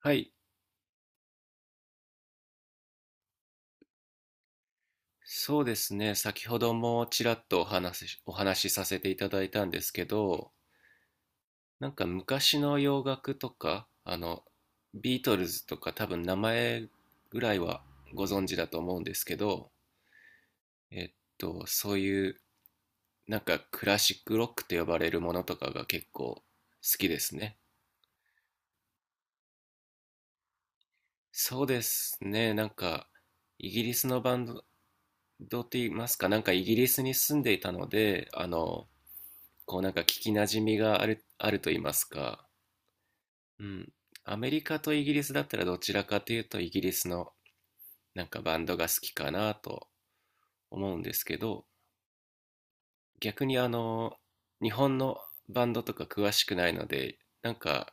はい、そうですね。先ほどもちらっとお話しさせていただいたんですけど、なんか昔の洋楽とか、ビートルズとか多分名前ぐらいはご存知だと思うんですけど、えっそういうなんかクラシックロックと呼ばれるものとかが結構好きですね。そうですね。なんかイギリスのバンドって言いますか、なんかイギリスに住んでいたので、こうなんか聞きなじみがあると言いますか、うん。アメリカとイギリスだったらどちらかというとイギリスのなんかバンドが好きかなと思うんですけど、逆に日本のバンドとか詳しくないので、なんか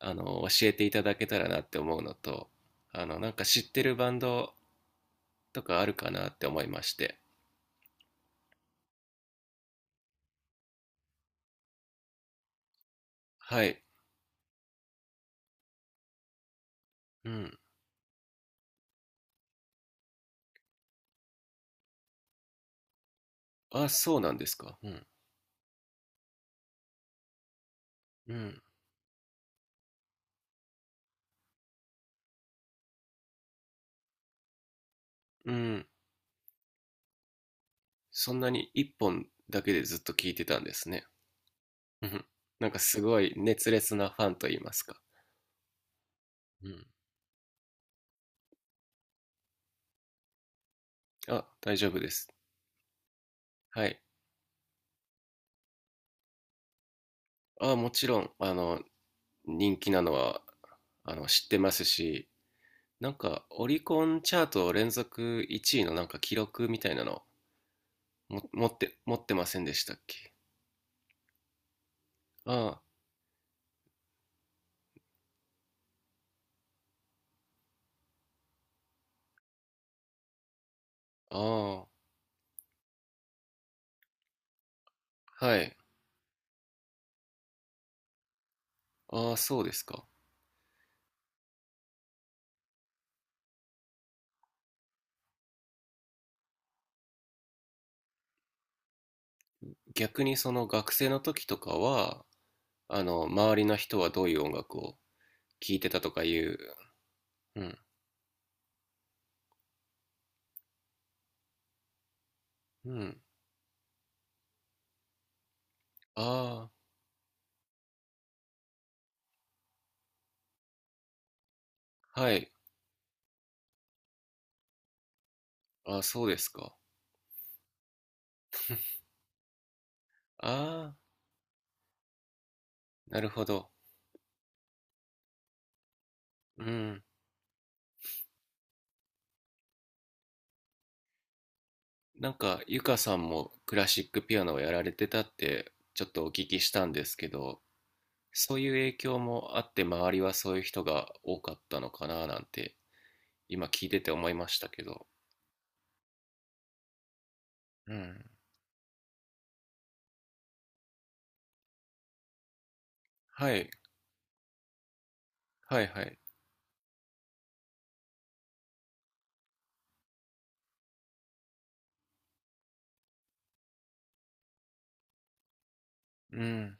教えていただけたらなって思うのと、なんか知ってるバンドとかあるかなって思いまして。はい。うん。あ、そうなんですか。うん。うん。うん。そんなに一本だけでずっと聞いてたんですね。うん なんかすごい熱烈なファンと言いますか。うん。あ、大丈夫です。はい。あ、もちろん、人気なのは、知ってますし、なんか、オリコンチャート連続1位のなんか記録みたいなの、も、持って、持ってませんでしたっけ？ああ、ああ、はい。ああ、そうですか。逆にその学生の時とかは、周りの人はどういう音楽を聴いてたとかいう、うん、うん。ああ、はい。あ、そうですか。ああ、なるほど。うん。なんか、ゆかさんもクラシックピアノをやられてたって、ちょっとお聞きしたんですけど、そういう影響もあって、周りはそういう人が多かったのかななんて、今聞いてて思いましたけど。うん。はい、はい、はい。うん。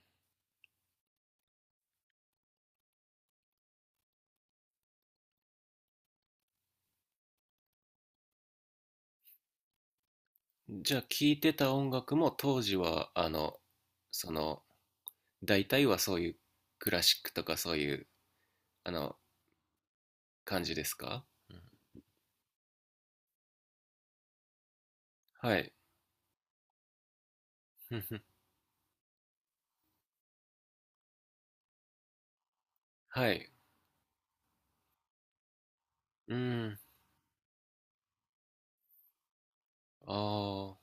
じゃあ、聞いてた音楽も当時は、その、大体はそういうクラシックとかそういう、あの、感じですか？うん。はい。ふんふん。はい。うん。ああ、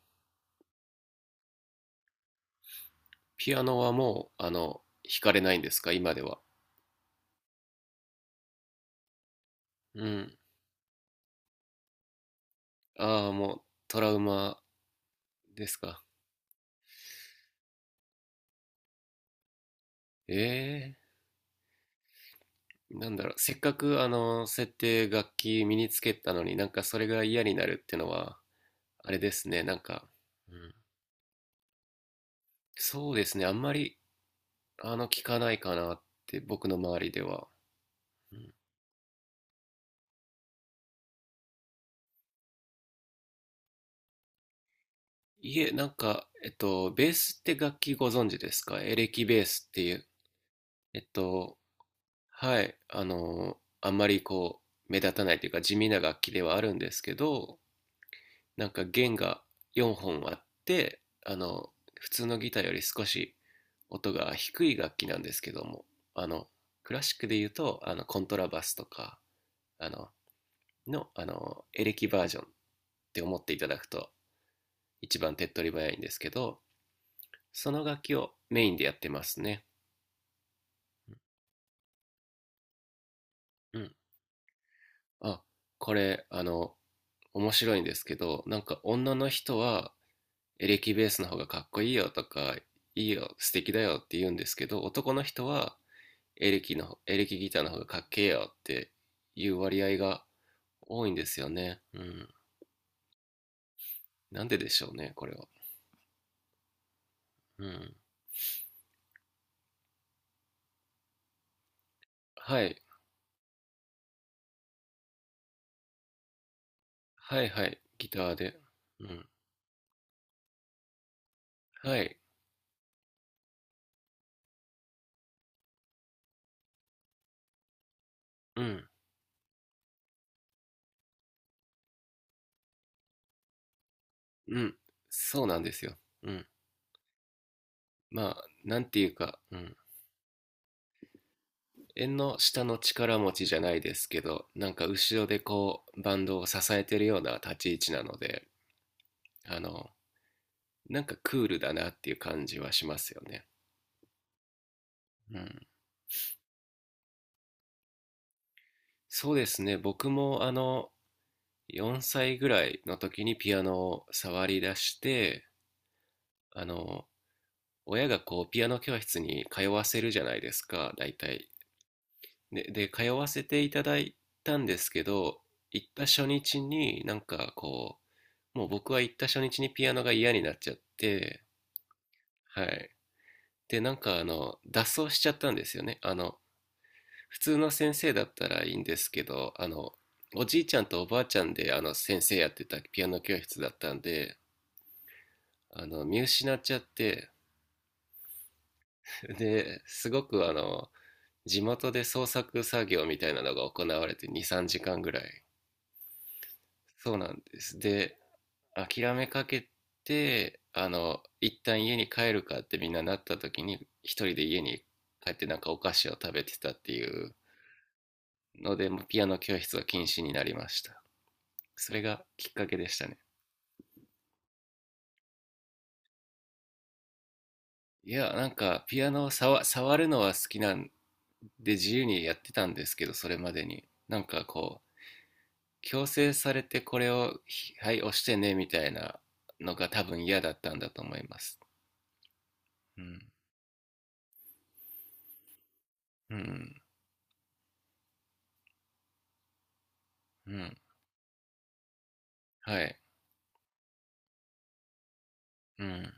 ピアノはもう、弾かれないんですか、今では。うん。ああ、もう、トラウマですか。ええー。なんだろう、せっかく、設定、楽器身につけたのになんかそれが嫌になるってのは、あれですね、なんか、うん。そうですね、あんまり、聞かないかなって、僕の周りでは。うん、いえ、なんか、ベースって楽器ご存知ですか？エレキベースっていう。えっと、はい、あんまりこう、目立たないというか地味な楽器ではあるんですけど、なんか弦が4本あって、普通のギターより少し音が低い楽器なんですけども、あの、クラシックで言うと、コントラバスとか、あの、の、あの、エレキバージョンって思っていただくと一番手っ取り早いんですけど、その楽器をメインでやってますね。うん。あ、これ、面白いんですけど、なんか女の人はエレキベースの方がかっこいいよとか、いいよ、素敵だよって言うんですけど、男の人はエレキギターの方がかっけえよっていう割合が多いんですよね。うん。なんででしょうね、これは。うん。はい。はいはい。ギターで。うん。はい。うん。うん。そうなんですよ。うん。まあ、なんていうか、うん。縁の下の力持ちじゃないですけど、なんか後ろでこう、バンドを支えてるような立ち位置なので、あの、なんかクールだなっていう感じはしますよね。うん。そうですね、僕もあの、4歳ぐらいの時にピアノを触り出して、あの、親がこう、ピアノ教室に通わせるじゃないですか、大体。で、通わせていただいたんですけど、行った初日になんかこう、もう僕は行った初日にピアノが嫌になっちゃって、はい。で、なんか脱走しちゃったんですよね。普通の先生だったらいいんですけど、おじいちゃんとおばあちゃんであの先生やってたピアノ教室だったんで、見失っちゃって、で、すごく地元で創作作業みたいなのが行われて2、3時間ぐらい。そうなんです。で、諦めかけて、一旦家に帰るかってみんななった時に、一人で家に帰ってなんかお菓子を食べてたっていうので、もうピアノ教室は禁止になりました。それがきっかけでしたね。いや、なんか、ピアノを触るのは好きなんで自由にやってたんですけど、それまでに。なんかこう、強制されてこれを、ひはい、押してね、みたいなのが多分嫌だったんだと思います。うん。うん。うん。はい。うん。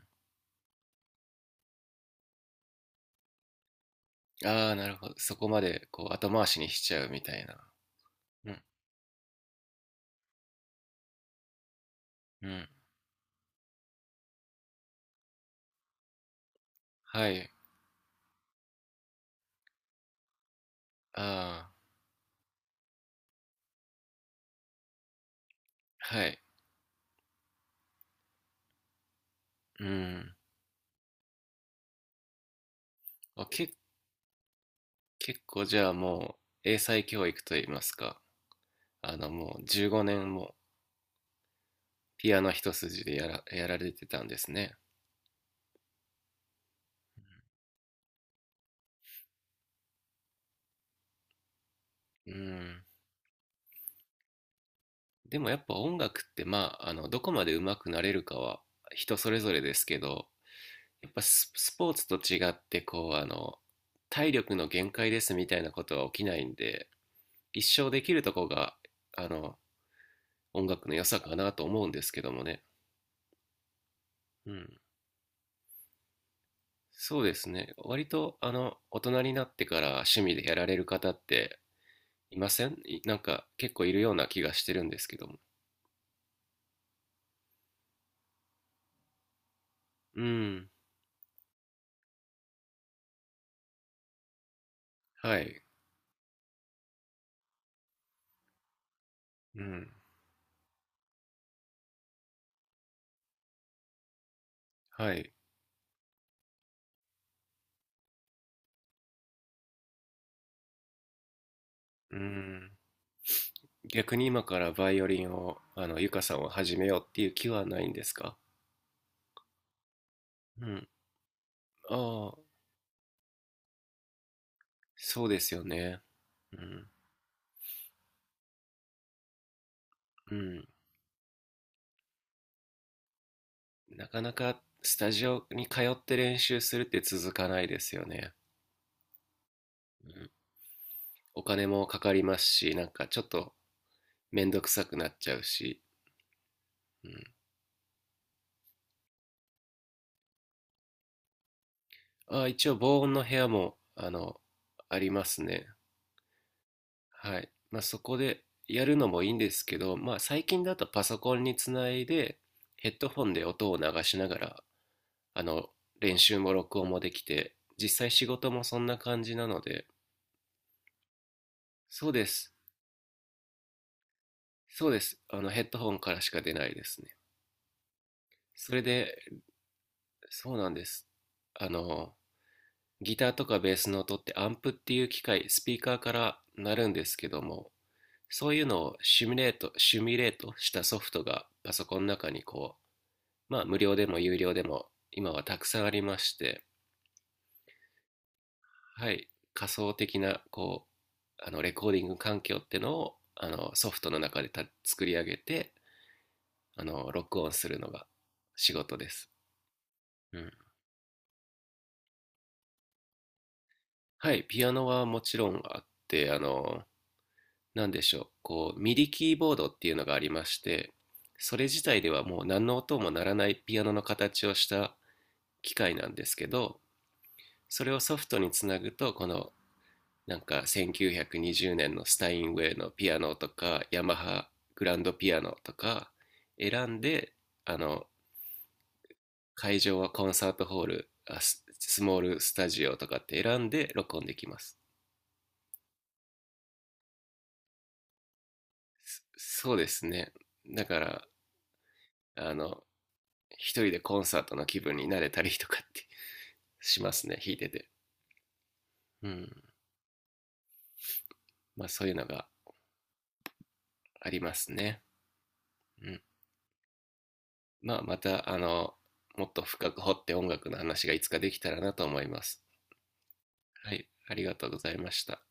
ああ、なるほど。そこまで、こう、後回しにしちゃうみたいな。うん。うん。はい。ああ、はい。うん。あ、け、結構じゃあもう、英才教育といいますか、もう15年もピアノ一筋でやられてたんですね。うん。でもやっぱ音楽って、まあ、どこまで上手くなれるかは人それぞれですけど、やっぱスポーツと違って、こう、体力の限界ですみたいなことは起きないんで、一生できるとこが、あの、音楽の良さかなと思うんですけどもね。うん。そうですね。割と、大人になってから趣味でやられる方っていませんいなんか結構いるような気がしてるんですけども。うん。はい。うん。はい。うん。逆に今からバイオリンを、ゆかさんを始めようっていう気はないんですか？うん。ああ、そうですよね。うん。うん。なかなかスタジオに通って練習するって続かないですよね。うん。お金もかかりますし、なんかちょっとめんどくさくなっちゃうし。うん。ああ、一応防音の部屋も、ありますね。はい。まあ、そこでやるのもいいんですけど、まあ、最近だとパソコンにつないで、ヘッドフォンで音を流しながら、あの、練習も録音もできて、実際仕事もそんな感じなので、そうです。そうです。ヘッドホンからしか出ないですね。それで、そうなんです。あの、ギターとかベースの音ってアンプっていう機械、スピーカーからなるんですけども、そういうのをシミュレートしたソフトがパソコンの中にまあ無料でも有料でも今はたくさんありまして、はい、仮想的なこう、あの、レコーディング環境ってのをあのソフトの中で作り上げて、あの、録音するのが仕事です。うん、はい、ピアノはもちろんあって、あの、何でしょう、こうミディキーボードっていうのがありまして、それ自体ではもう何の音も鳴らないピアノの形をした機械なんですけど、それをソフトにつなぐとこのなんか1920年のスタインウェイのピアノとかヤマハグランドピアノとか選んで、あの、会場はコンサートホール、スモールスタジオとかって選んで録音できます。そうですね、だから、あの、一人でコンサートの気分になれたりとかってしますね、弾いてて。うん。まあそういうのがありますね。うん。まあまた、あの、もっと深く掘って音楽の話がいつかできたらなと思います。はい、ありがとうございました。